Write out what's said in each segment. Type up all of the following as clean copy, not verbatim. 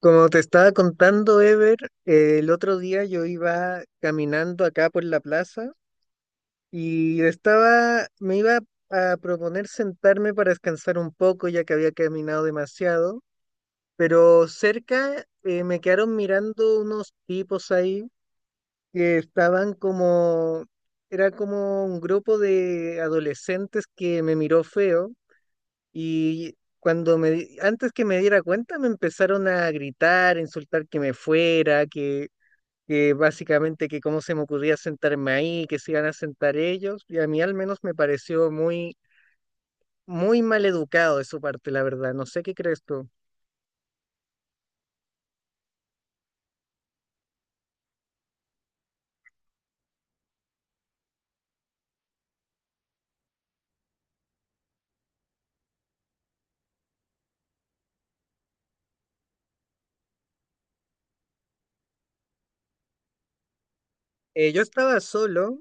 Como te estaba contando, Ever, el otro día yo iba caminando acá por la plaza y estaba, me iba a proponer sentarme para descansar un poco ya que había caminado demasiado, pero cerca me quedaron mirando unos tipos ahí que estaban como, era como un grupo de adolescentes que me miró feo y cuando me, antes que me diera cuenta, me empezaron a gritar, a insultar que me fuera, que, básicamente que cómo se me ocurría sentarme ahí, que se iban a sentar ellos. Y a mí al menos me pareció muy, muy mal educado de su parte, la verdad. No sé qué crees tú. Yo estaba solo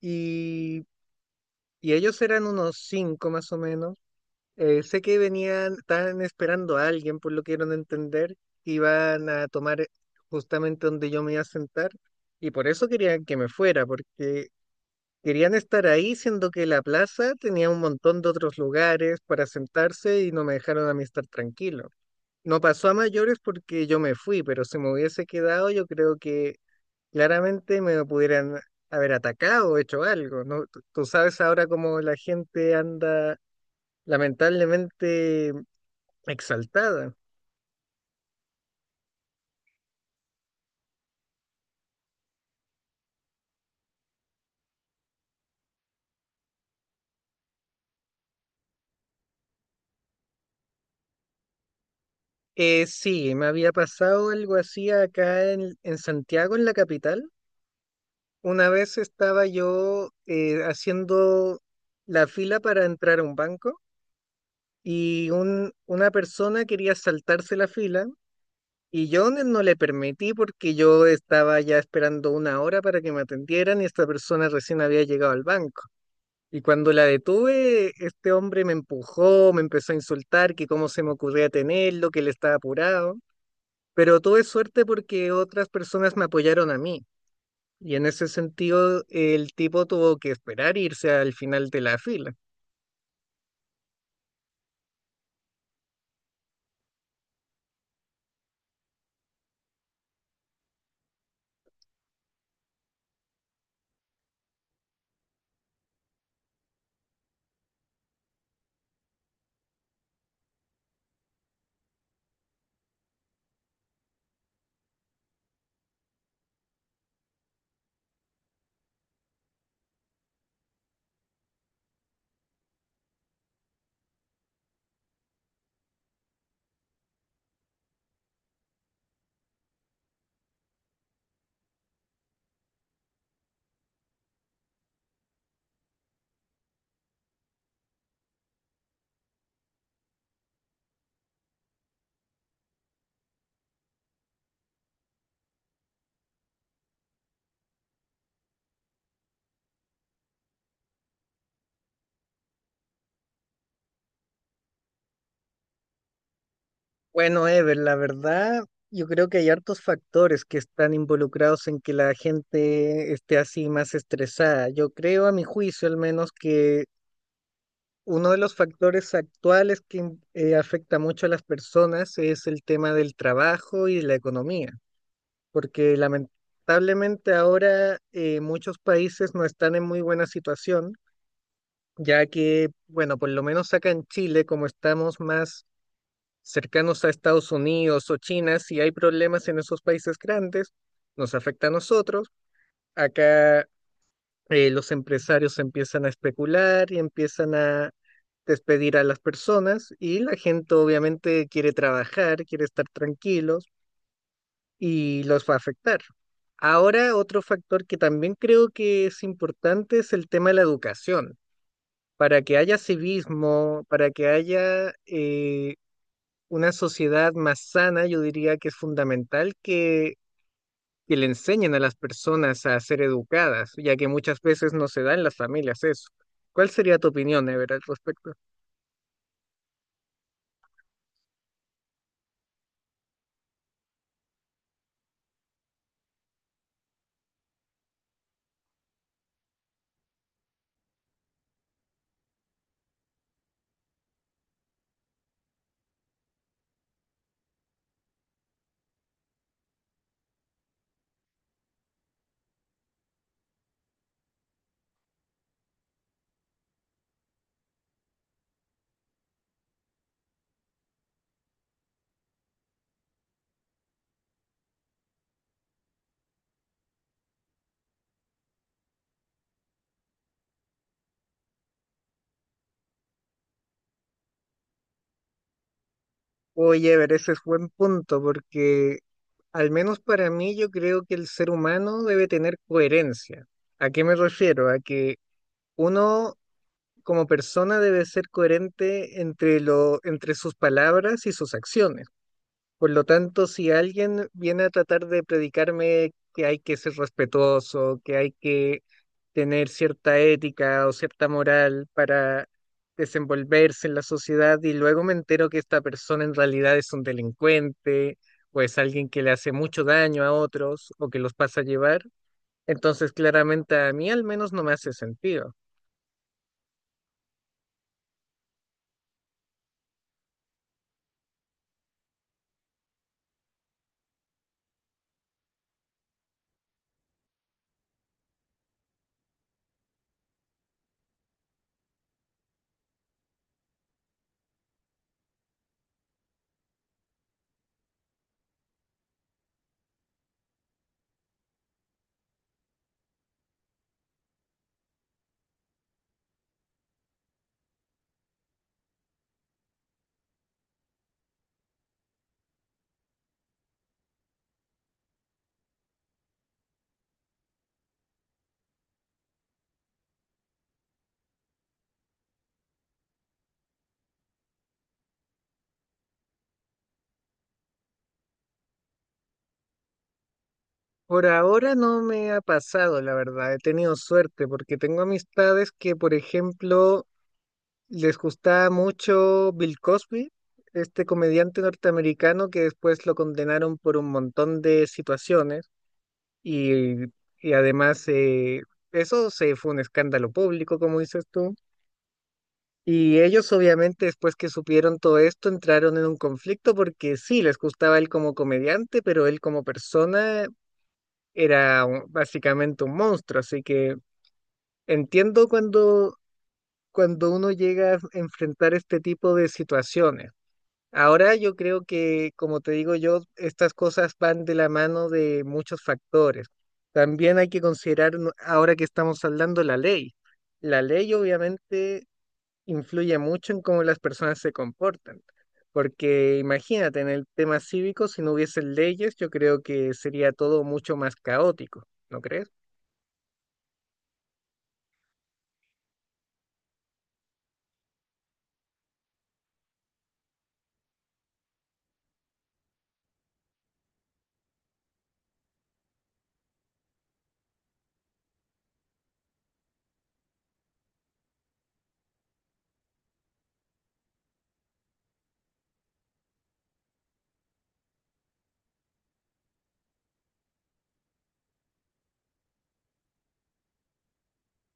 y, y ellos eran unos cinco más o menos. Sé que venían, estaban esperando a alguien, por lo que dieron a entender, que iban a tomar justamente donde yo me iba a sentar, y por eso querían que me fuera, porque querían estar ahí, siendo que la plaza tenía un montón de otros lugares para sentarse y no me dejaron a mí estar tranquilo. No pasó a mayores porque yo me fui, pero si me hubiese quedado, yo creo que claramente me pudieran haber atacado o hecho algo, ¿no? Tú sabes ahora cómo la gente anda, lamentablemente, exaltada. Sí, me había pasado algo así acá en, Santiago, en la capital. Una vez estaba yo haciendo la fila para entrar a un banco y una persona quería saltarse la fila y yo no le permití porque yo estaba ya esperando una hora para que me atendieran y esta persona recién había llegado al banco. Y cuando la detuve, este hombre me empujó, me empezó a insultar, que cómo se me ocurría tenerlo, que él estaba apurado. Pero tuve suerte porque otras personas me apoyaron a mí. Y en ese sentido, el tipo tuvo que esperar irse al final de la fila. Bueno, Ever, la verdad, yo creo que hay hartos factores que están involucrados en que la gente esté así más estresada. Yo creo, a mi juicio al menos, que uno de los factores actuales que afecta mucho a las personas es el tema del trabajo y la economía, porque lamentablemente ahora muchos países no están en muy buena situación, ya que, bueno, por lo menos acá en Chile, como estamos más cercanos a Estados Unidos o China, si hay problemas en esos países grandes, nos afecta a nosotros. Acá los empresarios empiezan a especular y empiezan a despedir a las personas y la gente obviamente quiere trabajar, quiere estar tranquilos y los va a afectar. Ahora, otro factor que también creo que es importante es el tema de la educación, para que haya civismo, para que haya una sociedad más sana. Yo diría que es fundamental que, le enseñen a las personas a ser educadas, ya que muchas veces no se da en las familias eso. ¿Cuál sería tu opinión, Ever, al respecto? Oye, Ever, ese es buen punto, porque, al menos para mí, yo creo que el ser humano debe tener coherencia. ¿A qué me refiero? A que uno como persona debe ser coherente entre lo, entre sus palabras y sus acciones. Por lo tanto, si alguien viene a tratar de predicarme que hay que ser respetuoso, que hay que tener cierta ética o cierta moral para desenvolverse en la sociedad y luego me entero que esta persona en realidad es un delincuente o es alguien que le hace mucho daño a otros o que los pasa a llevar, entonces claramente a mí al menos no me hace sentido. Por ahora no me ha pasado, la verdad, he tenido suerte porque tengo amistades que, por ejemplo, les gustaba mucho Bill Cosby, este comediante norteamericano que después lo condenaron por un montón de situaciones y, y, además eso se fue un escándalo público, como dices tú. Y ellos obviamente después que supieron todo esto entraron en un conflicto porque sí, les gustaba él como comediante, pero él como persona era básicamente un monstruo, así que entiendo cuando uno llega a enfrentar este tipo de situaciones. Ahora yo creo que, como te digo yo, estas cosas van de la mano de muchos factores. También hay que considerar, ahora que estamos hablando, la ley. La ley obviamente influye mucho en cómo las personas se comportan, porque imagínate, en el tema cívico, si no hubiesen leyes, yo creo que sería todo mucho más caótico, ¿no crees?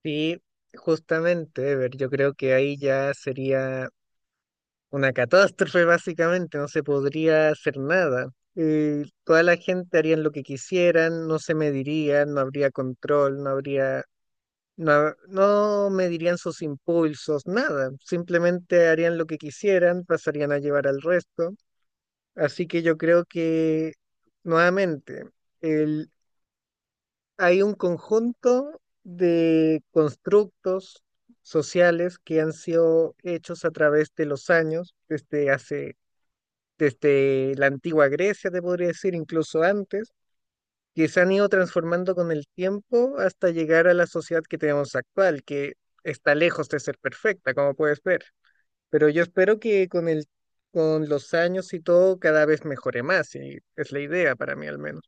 Sí, justamente, Ever, yo creo que ahí ya sería una catástrofe, básicamente. No se podría hacer nada. Toda la gente harían lo que quisieran, no se medirían, no habría control, no habría, no medirían sus impulsos, nada. Simplemente harían lo que quisieran, pasarían a llevar al resto. Así que yo creo que, nuevamente, el, hay un conjunto de constructos sociales que han sido hechos a través de los años, desde la antigua Grecia, te podría decir, incluso antes, que se han ido transformando con el tiempo hasta llegar a la sociedad que tenemos actual, que está lejos de ser perfecta, como puedes ver. Pero yo espero que con con los años y todo cada vez mejore más, y es la idea para mí al menos.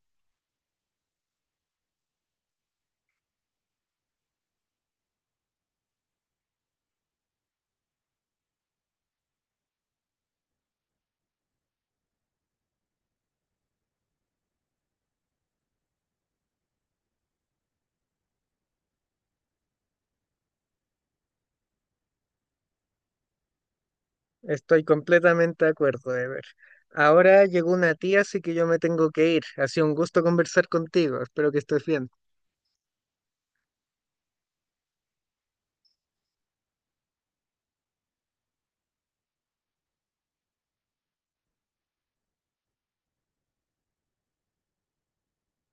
Estoy completamente de acuerdo, ver. Ahora llegó una tía, así que yo me tengo que ir. Ha sido un gusto conversar contigo. Espero que estés bien.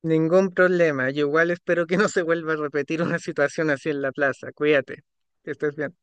Ningún problema. Yo igual espero que no se vuelva a repetir una situación así en la plaza. Cuídate. Que estés bien.